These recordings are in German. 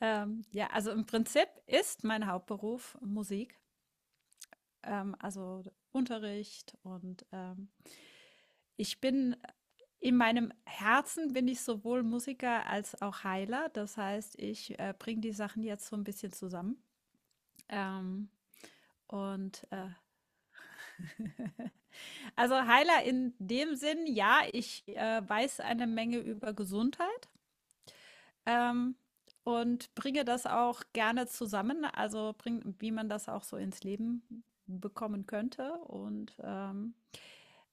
Ja, also im Prinzip ist mein Hauptberuf Musik, also Unterricht und ich bin in meinem Herzen bin ich sowohl Musiker als auch Heiler. Das heißt, ich bringe die Sachen jetzt so ein bisschen zusammen. Ähm, und äh, also Heiler in dem Sinn, ja, ich weiß eine Menge über Gesundheit. ähm, und bringe das auch gerne zusammen, also bring, wie man das auch so ins Leben bekommen könnte. Und ähm,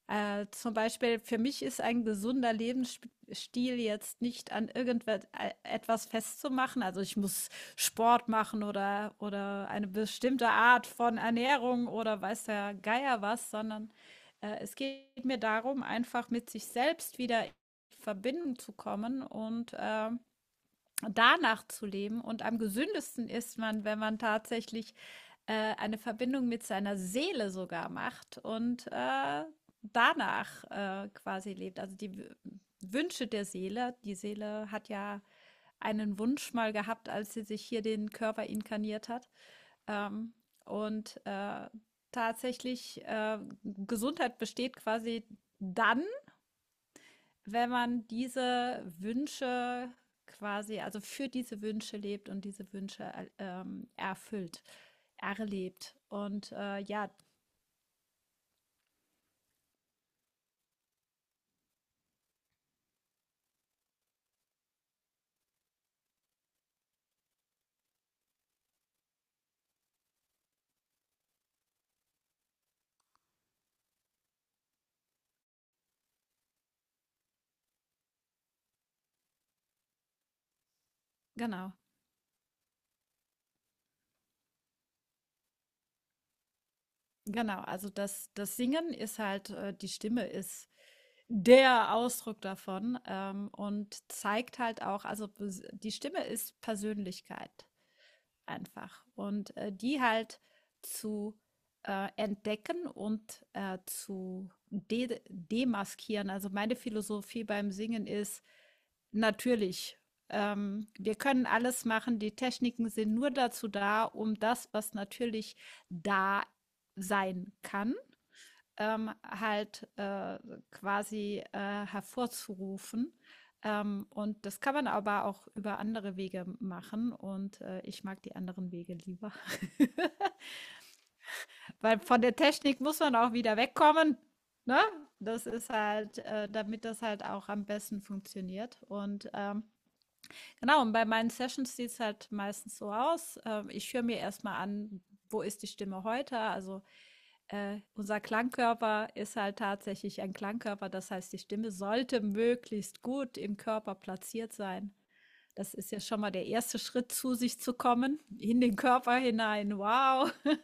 äh, Zum Beispiel für mich ist ein gesunder Lebensstil jetzt nicht an irgendetwas festzumachen. Also ich muss Sport machen oder eine bestimmte Art von Ernährung oder weiß der Geier was, sondern es geht mir darum, einfach mit sich selbst wieder in Verbindung zu kommen und danach zu leben. Und am gesündesten ist man, wenn man tatsächlich eine Verbindung mit seiner Seele sogar macht und danach quasi lebt. Also die Wünsche der Seele. Die Seele hat ja einen Wunsch mal gehabt, als sie sich hier den Körper inkarniert hat. Ähm, und äh, tatsächlich, äh, Gesundheit besteht quasi dann, wenn man diese Wünsche quasi, also für diese Wünsche lebt und diese Wünsche erfüllt, erlebt. Genau, genau. Also das Singen ist halt, die Stimme ist der Ausdruck davon und zeigt halt auch, also die Stimme ist Persönlichkeit einfach. Und die halt zu entdecken und zu de demaskieren. Also meine Philosophie beim Singen ist natürlich. Wir können alles machen, die Techniken sind nur dazu da, um das, was natürlich da sein kann, ähm, halt äh, hervorzurufen. Und das kann man aber auch über andere Wege machen. Und ich mag die anderen Wege lieber. Weil von der Technik muss man auch wieder wegkommen. Ne? Das ist halt, damit das halt auch am besten funktioniert. Genau, und bei meinen Sessions sieht es halt meistens so aus. Ich höre mir erstmal an, wo ist die Stimme heute? Also unser Klangkörper ist halt tatsächlich ein Klangkörper. Das heißt, die Stimme sollte möglichst gut im Körper platziert sein. Das ist ja schon mal der erste Schritt, zu sich zu kommen, in den Körper hinein. Wow.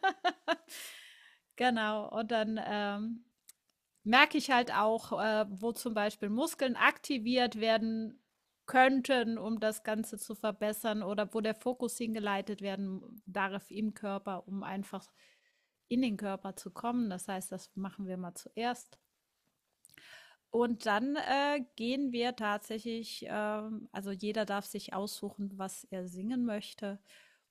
Genau. Und dann merke ich halt auch, wo zum Beispiel Muskeln aktiviert werden könnten, um das Ganze zu verbessern oder wo der Fokus hingeleitet werden darf im Körper, um einfach in den Körper zu kommen. Das heißt, das machen wir mal zuerst. Und dann gehen wir tatsächlich, also jeder darf sich aussuchen, was er singen möchte.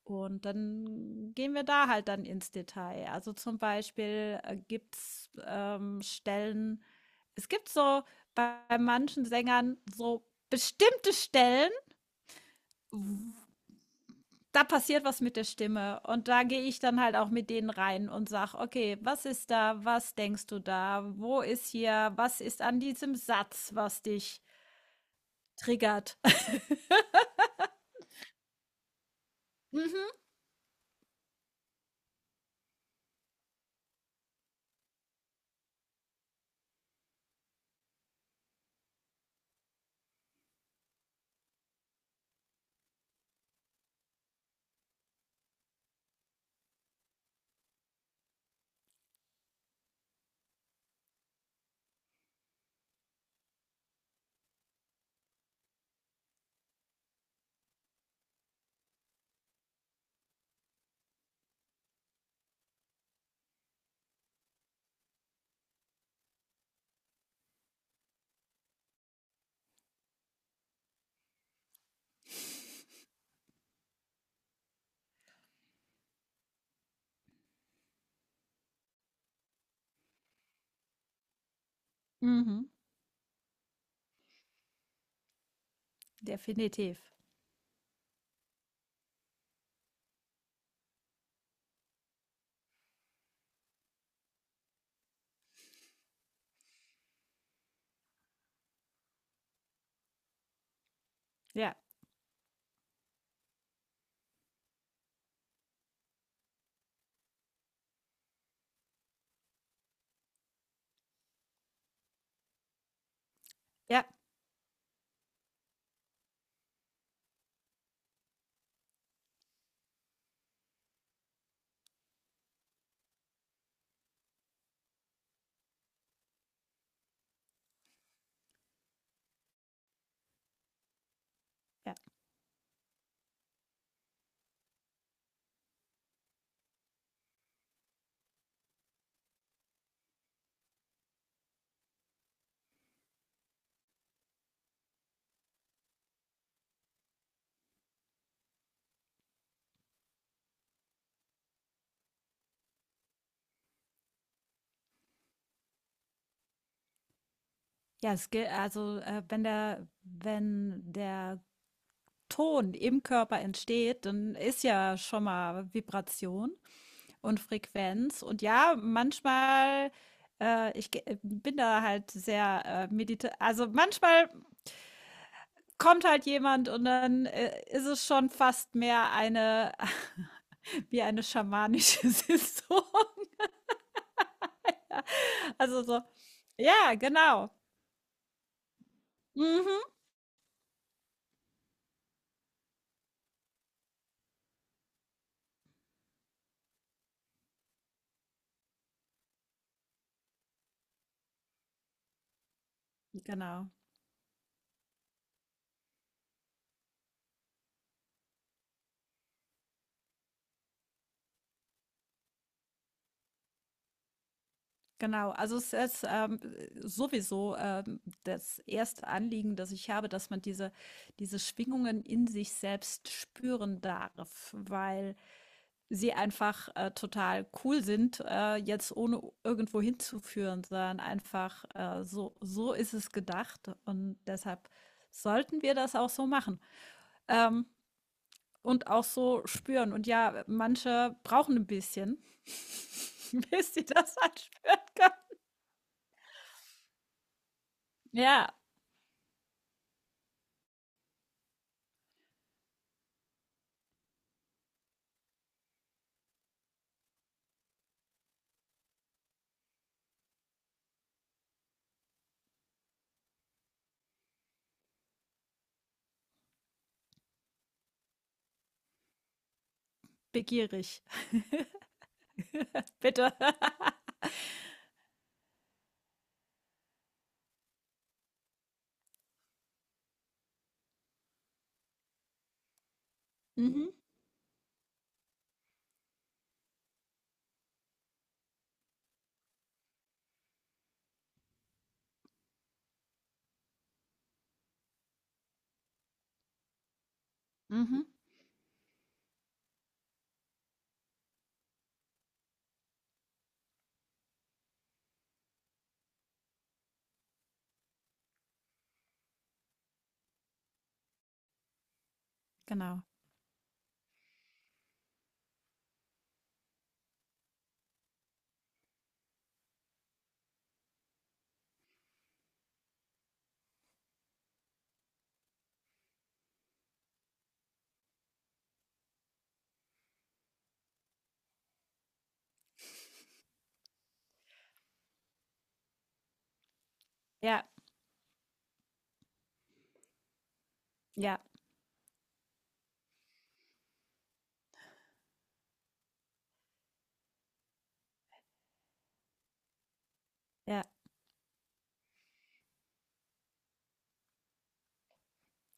Und dann gehen wir da halt dann ins Detail. Also zum Beispiel gibt es Stellen, es gibt so bei manchen Sängern so bestimmte Stellen, da passiert was mit der Stimme. Und da gehe ich dann halt auch mit denen rein und sage, okay, was ist da? Was denkst du da? Wo ist hier? Was ist an diesem Satz, was dich triggert? Mhm. Mhm, definitiv. Ja, ja, ja. Ja, es gilt, also wenn der Ton im Körper entsteht, dann ist ja schon mal Vibration und Frequenz. Und ja, manchmal, bin da halt sehr medita, also manchmal kommt halt jemand und dann ist es schon fast mehr eine, wie eine schamanische Saison. Also so, ja, genau. Mhm, genau. Genau, also es ist sowieso das erste Anliegen, das ich habe, dass man diese Schwingungen in sich selbst spüren darf, weil sie einfach total cool sind, jetzt ohne irgendwo hinzuführen, sondern einfach so, so ist es gedacht und deshalb sollten wir das auch so machen ähm, und auch so spüren. Und ja, manche brauchen ein bisschen, bis sie das halt spüren können. Ja, begierig. Bitte. Mhm. Mhm. Genau. Ja, ja, ja,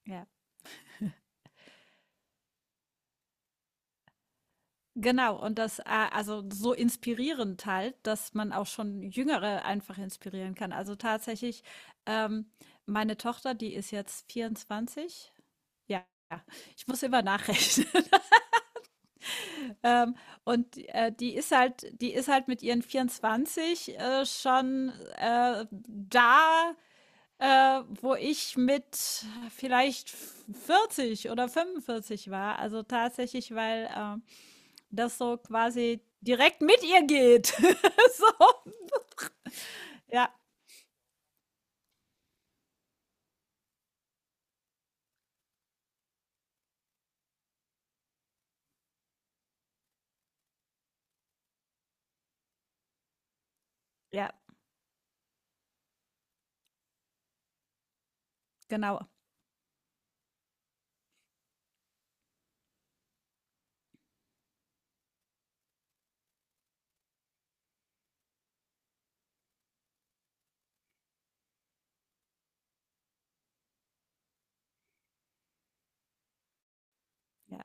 ja. Genau, und das, ah, also so inspirierend halt, dass man auch schon Jüngere einfach inspirieren kann. Also tatsächlich, ähm, meine Tochter, die ist jetzt 24. Ja, ich muss immer nachrechnen. Ähm, Die ist halt, die ist halt mit ihren 24 schon da wo ich mit vielleicht 40 oder 45 war. Also tatsächlich, weil, das so quasi direkt mit ihr geht. So. Ja, ja, genau, ja.